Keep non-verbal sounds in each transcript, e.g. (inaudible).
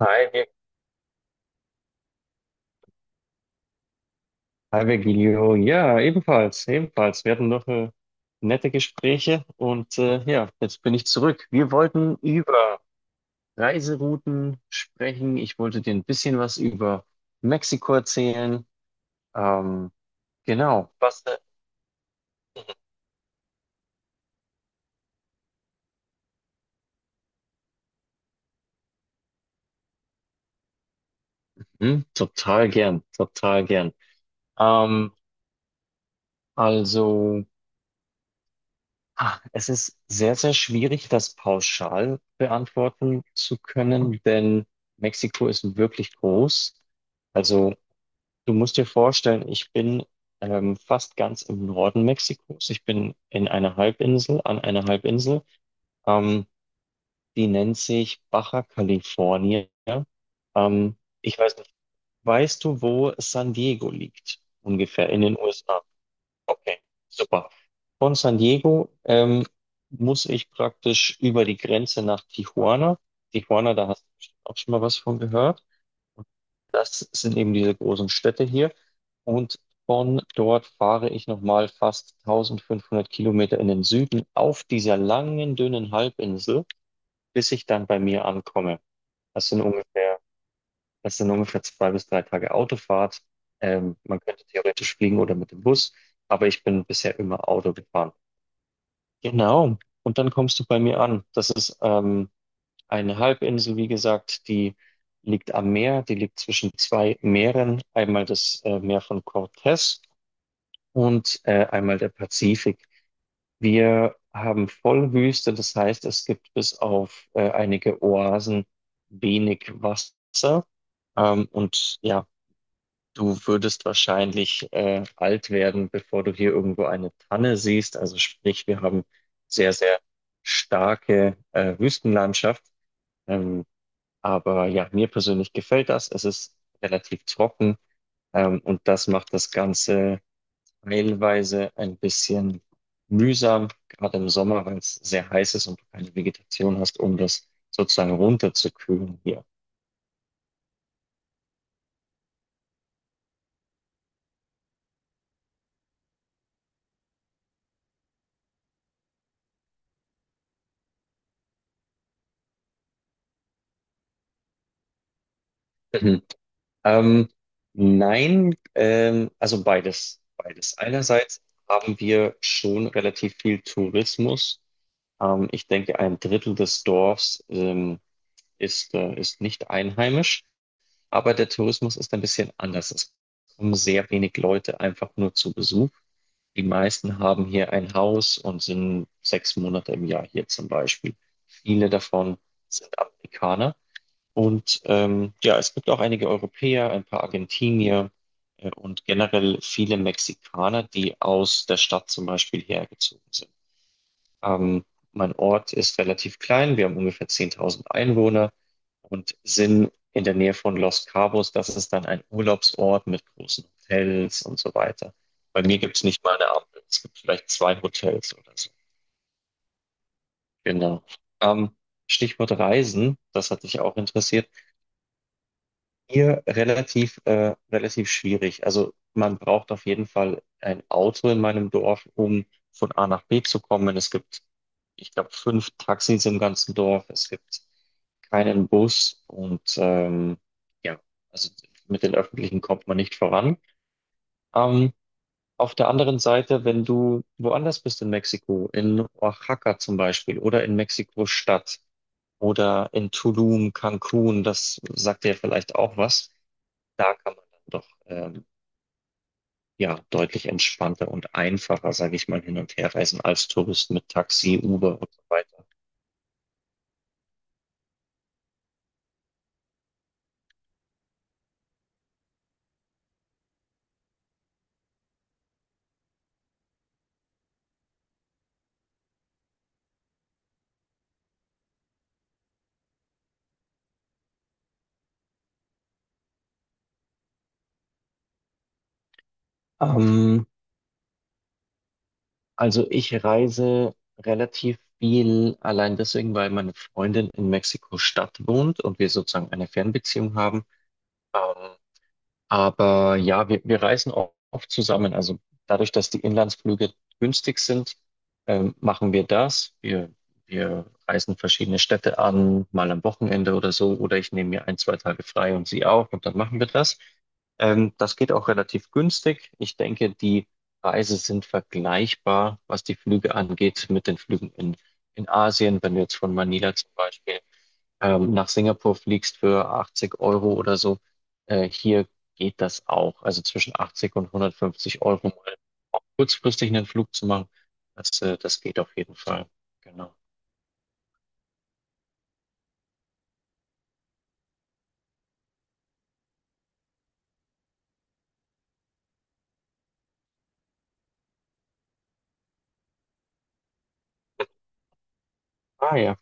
Hi, Vir- Hi Virgilio. Ja, ebenfalls. Wir hatten noch nette Gespräche und ja, jetzt bin ich zurück. Wir wollten über Reiserouten sprechen. Ich wollte dir ein bisschen was über Mexiko erzählen. Ähm, genau. Was denn? Total total gern. Ähm, also, Es ist sehr schwierig, das pauschal beantworten zu können, denn Mexiko ist wirklich groß. Also du musst dir vorstellen, ich bin fast ganz im Norden Mexikos. Ich bin in einer Halbinsel, An einer Halbinsel. Ähm, Die nennt sich Baja California. Ich weiß nicht, weißt du, wo San Diego liegt? Ungefähr in den USA. Okay, super. Von San Diego muss ich praktisch über die Grenze nach Tijuana. Tijuana, da hast du bestimmt auch schon mal was von gehört. Das sind eben diese großen Städte hier. Und von dort fahre ich nochmal fast 1500 Kilometer in den Süden auf dieser langen, dünnen Halbinsel, bis ich dann bei mir ankomme. Das sind ungefähr, das sind ungefähr zwei bis drei Tage Autofahrt. Man könnte theoretisch fliegen oder mit dem Bus, aber ich bin bisher immer Auto gefahren. Genau. Und dann kommst du bei mir an. Das ist eine Halbinsel, wie gesagt, die liegt am Meer, die liegt zwischen zwei Meeren, einmal das Meer von Cortez und einmal der Pazifik. Wir haben Vollwüste, das heißt, es gibt bis auf einige Oasen wenig Wasser. Und ja, du würdest wahrscheinlich alt werden, bevor du hier irgendwo eine Tanne siehst. Also sprich, wir haben sehr starke Wüstenlandschaft. Ähm, aber ja, mir persönlich gefällt das. Es ist relativ trocken, und das macht das Ganze teilweise ein bisschen mühsam, gerade im Sommer, weil es sehr heiß ist und du keine Vegetation hast, um das sozusagen runterzukühlen hier. Mhm. Ähm, nein, also beides. Einerseits haben wir schon relativ viel Tourismus. Ich denke, ein Drittel des Dorfs, ist, ist nicht einheimisch. Aber der Tourismus ist ein bisschen anders. Es kommen sehr wenig Leute einfach nur zu Besuch. Die meisten haben hier ein Haus und sind 6 Monate im Jahr hier zum Beispiel. Viele davon sind Amerikaner. Und ja, es gibt auch einige Europäer, ein paar Argentinier und generell viele Mexikaner, die aus der Stadt zum Beispiel hergezogen sind. Ähm, Mein Ort ist relativ klein, wir haben ungefähr 10.000 Einwohner und sind in der Nähe von Los Cabos. Das ist dann ein Urlaubsort mit großen Hotels und so weiter. Bei mir gibt es nicht mal eine Ampel, es gibt vielleicht zwei Hotels oder so. Genau. Ähm, Stichwort Reisen, das hat dich auch interessiert. Hier relativ schwierig. Also man braucht auf jeden Fall ein Auto in meinem Dorf, um von A nach B zu kommen. Ich glaube, fünf Taxis im ganzen Dorf. Es gibt keinen Bus und ja, also mit den Öffentlichen kommt man nicht voran. Ähm, auf der anderen Seite, wenn du woanders bist in Mexiko, in Oaxaca zum Beispiel oder in Mexiko-Stadt oder in Tulum, Cancun, das sagt dir vielleicht auch was. Da kann man dann doch ja deutlich entspannter und einfacher, sage ich mal, hin und her reisen als Tourist mit Taxi, Uber und so weiter. Ähm, also ich reise relativ viel allein deswegen, weil meine Freundin in Mexiko-Stadt wohnt und wir sozusagen eine Fernbeziehung haben. Ähm, Aber ja, wir reisen auch oft zusammen. Also dadurch, dass die Inlandsflüge günstig sind, machen wir das. Wir reisen verschiedene Städte an, mal am Wochenende oder so. Oder ich nehme mir ein, zwei Tage frei und sie auch und dann machen wir das. Das geht auch relativ günstig. Ich denke, die Preise sind vergleichbar, was die Flüge angeht, mit den Flügen in Asien. Wenn du jetzt von Manila zum Beispiel nach Singapur fliegst für 80€ oder so, hier geht das auch. Also zwischen 80 und 150€ mal auch kurzfristig einen Flug zu machen, das geht auf jeden Fall. Genau. Ah ja.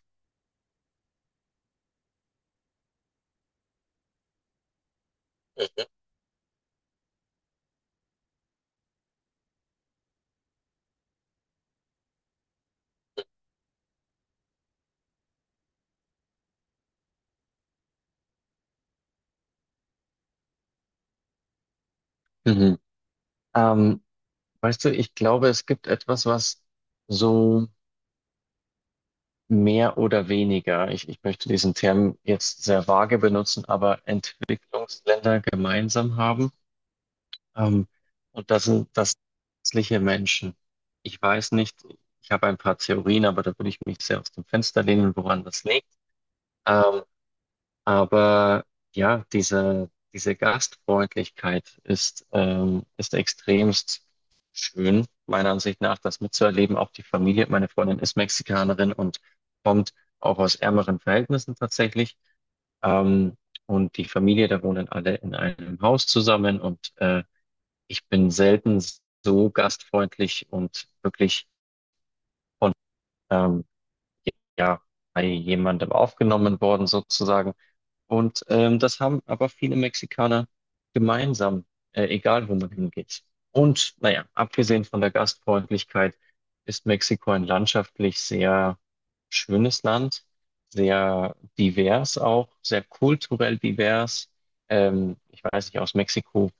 Mhm. Ähm, Weißt du, ich glaube, es gibt etwas, was so mehr oder weniger, ich möchte diesen Term jetzt sehr vage benutzen, aber Entwicklungsländer gemeinsam haben. Ähm, und das sind das nützliche Menschen. Ich weiß nicht, ich habe ein paar Theorien, aber da würde ich mich sehr aus dem Fenster lehnen, woran das liegt. Ähm, aber ja, diese Gastfreundlichkeit ist extremst schön, meiner Ansicht nach, das mitzuerleben. Auch die Familie, meine Freundin ist Mexikanerin und kommt auch aus ärmeren Verhältnissen tatsächlich. Ähm, und die Familie, da wohnen alle in einem Haus zusammen und ich bin selten so gastfreundlich und wirklich von ähm, ja, bei jemandem aufgenommen worden sozusagen. Und das haben aber viele Mexikaner gemeinsam, egal wo man hingeht. Und naja, abgesehen von der Gastfreundlichkeit ist Mexiko ein landschaftlich sehr schönes Land, sehr divers auch, sehr kulturell divers. Ich weiß nicht, aus Mexiko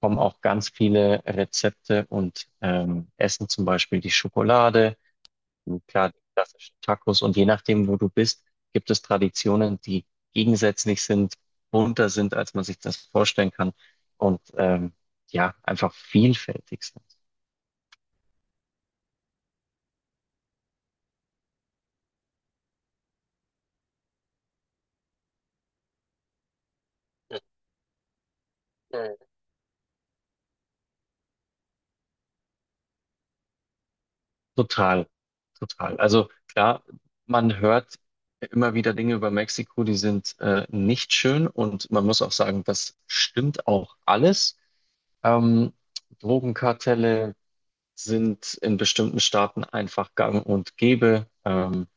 kommen auch ganz viele Rezepte und Essen, zum Beispiel die Schokolade, und klar, die klassischen Tacos und je nachdem, wo du bist, gibt es Traditionen, die gegensätzlich sind, bunter sind, als man sich das vorstellen kann und ja, einfach vielfältig sind. Mhm. Total, total. Also klar, man hört immer wieder Dinge über Mexiko, die sind nicht schön und man muss auch sagen, das stimmt auch alles. Ähm, Drogenkartelle sind in bestimmten Staaten einfach gang und gäbe.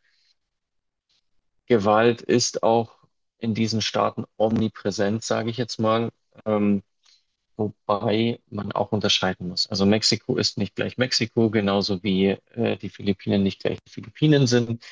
Gewalt ist auch in diesen Staaten omnipräsent, sage ich jetzt mal, ähm, wobei man auch unterscheiden muss. Also Mexiko ist nicht gleich Mexiko, genauso wie die Philippinen nicht gleich die Philippinen sind.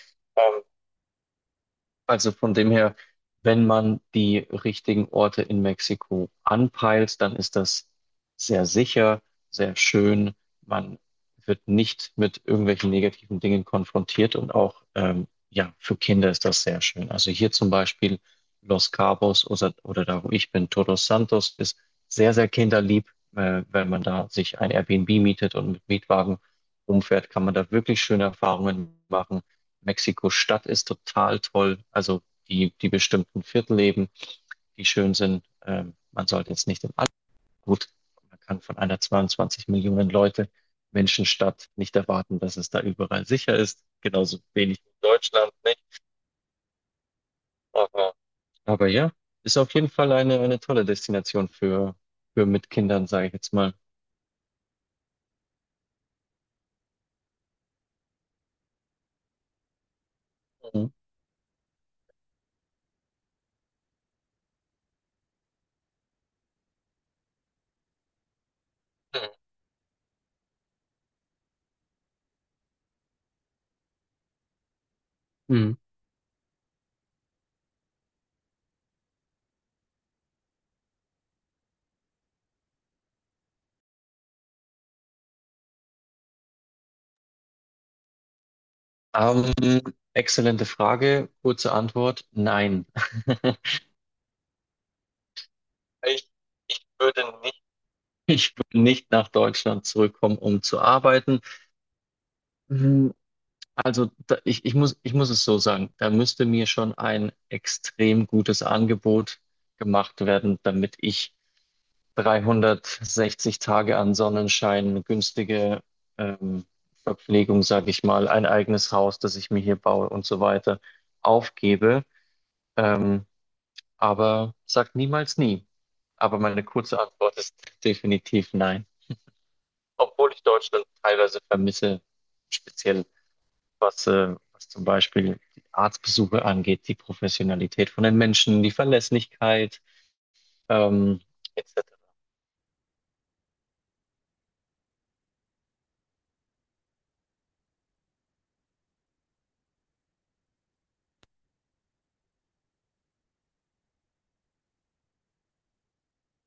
Also von dem her, wenn man die richtigen Orte in Mexiko anpeilt, dann ist das sehr sicher, sehr schön. Man wird nicht mit irgendwelchen negativen Dingen konfrontiert und auch ja, für Kinder ist das sehr schön. Also hier zum Beispiel Los Cabos oder da, wo ich bin, Todos Santos ist sehr kinderlieb. Wenn man da sich ein Airbnb mietet und mit Mietwagen rumfährt, kann man da wirklich schöne Erfahrungen machen. Mexiko-Stadt ist total toll. Also die bestimmten Viertel eben, die schön sind. Man sollte jetzt nicht im All gut. Man kann von einer 22 Millionen Leute Menschenstadt nicht erwarten, dass es da überall sicher ist. Genauso wenig in Deutschland nicht. Aber, aber ja, ist auf jeden Fall eine tolle Destination für mit Kindern, sage ich jetzt mal. Mhm. Mhm. Ähm, Exzellente Frage, kurze Antwort, nein. (laughs) Ich, Ich würde nicht (laughs) Ich will nicht nach Deutschland zurückkommen, um zu arbeiten. Hm, Also da, ich muss es so sagen, da müsste mir schon ein extrem gutes Angebot gemacht werden, damit ich 360 Tage an Sonnenschein, günstige ähm, Verpflegung, sage ich mal, ein eigenes Haus, das ich mir hier baue und so weiter, aufgebe. Ähm, aber sagt niemals nie. Aber meine kurze Antwort ist definitiv nein. Obwohl ich Deutschland teilweise vermisse, speziell was zum Beispiel die Arztbesuche angeht, die Professionalität von den Menschen, die Verlässlichkeit, ähm, etc.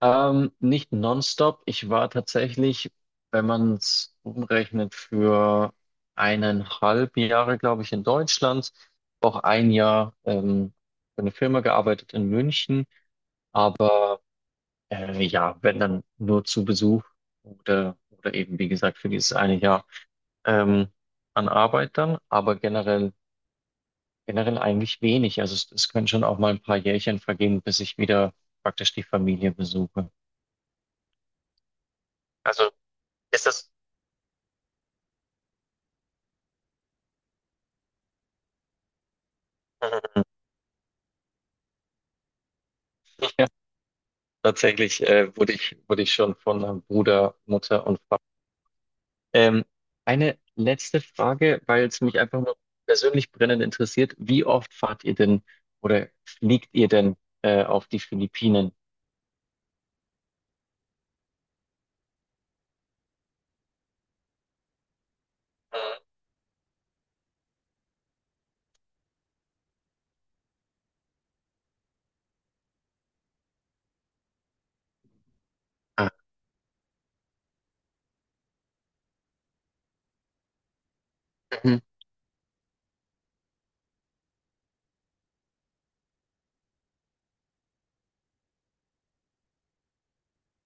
Nicht nonstop. Wenn man es umrechnet, für 1,5 Jahre, glaube ich, in Deutschland, auch ein Jahr für eine Firma gearbeitet in München, aber ja, wenn dann nur zu Besuch oder eben, wie gesagt, für dieses eine Jahr. ähm, An Arbeit generell eigentlich wenig. Also es können schon auch mal ein paar Jährchen vergehen, bis ich wieder praktisch die Familie besuche. Also ist das (laughs) ja, tatsächlich wurde ich schon von Bruder, Mutter und Vater. Ähm, eine letzte Frage, weil es mich einfach nur persönlich brennend interessiert. Wie oft fahrt ihr denn oder fliegt ihr denn auf die Philippinen? Mhm. Ah, mhm.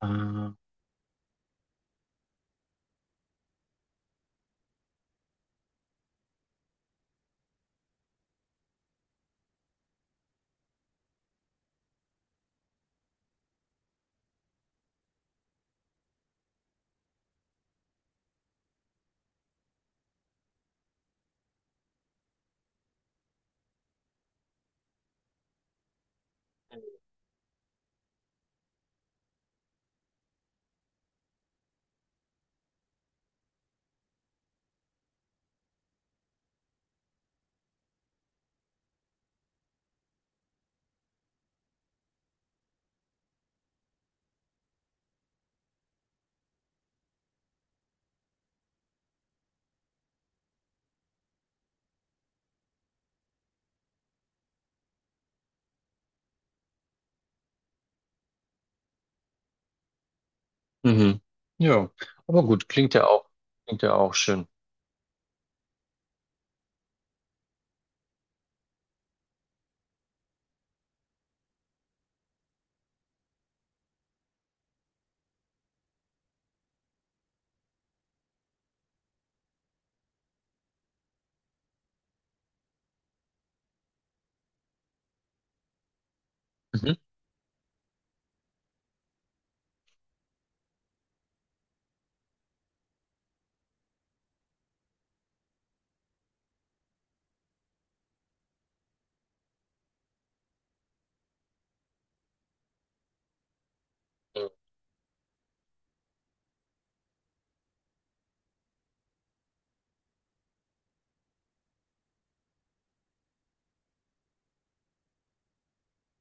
Ah, mhm. Ja, aber gut, klingt ja auch schön. Mhm.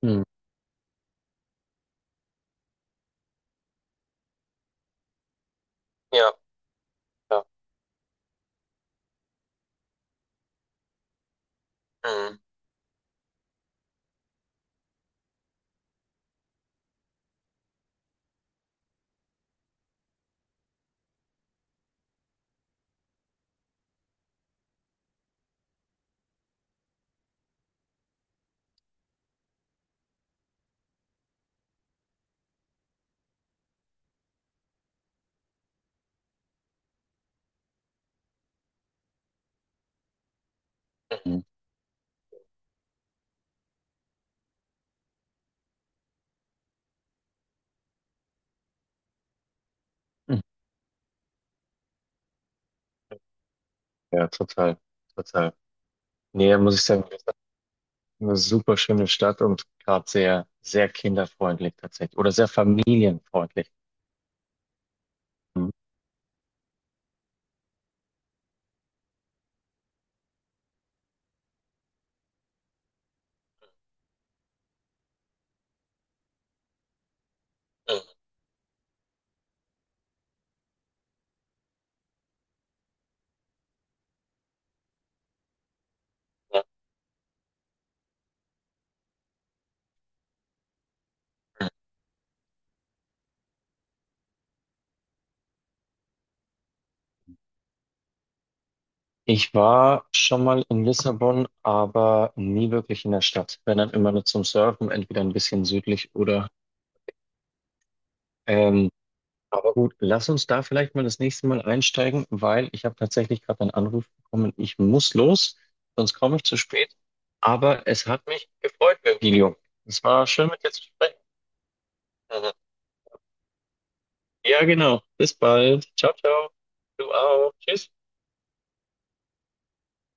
Mhm. Ja, ja. Mhm. Mhm. Mhm. Ja, total, total. Nee, muss ich sagen, das ist eine super schöne Stadt und gerade sehr kinderfreundlich tatsächlich oder sehr familienfreundlich. Mhm. Mhm. Ja. Ich war schon mal in Lissabon, aber nie wirklich in der Stadt. Wenn dann immer nur zum Surfen, entweder ein bisschen südlich oder ähm, aber gut, lass uns da vielleicht mal das nächste Mal einsteigen, weil ich habe tatsächlich gerade einen Anruf bekommen. Ich muss los, sonst komme ich zu spät. Aber es hat mich gefreut, Virgilio. Es war schön, mit dir zu sprechen. (laughs) Ja, genau. Bis bald. Ciao, ciao. Du auch. Tschüss.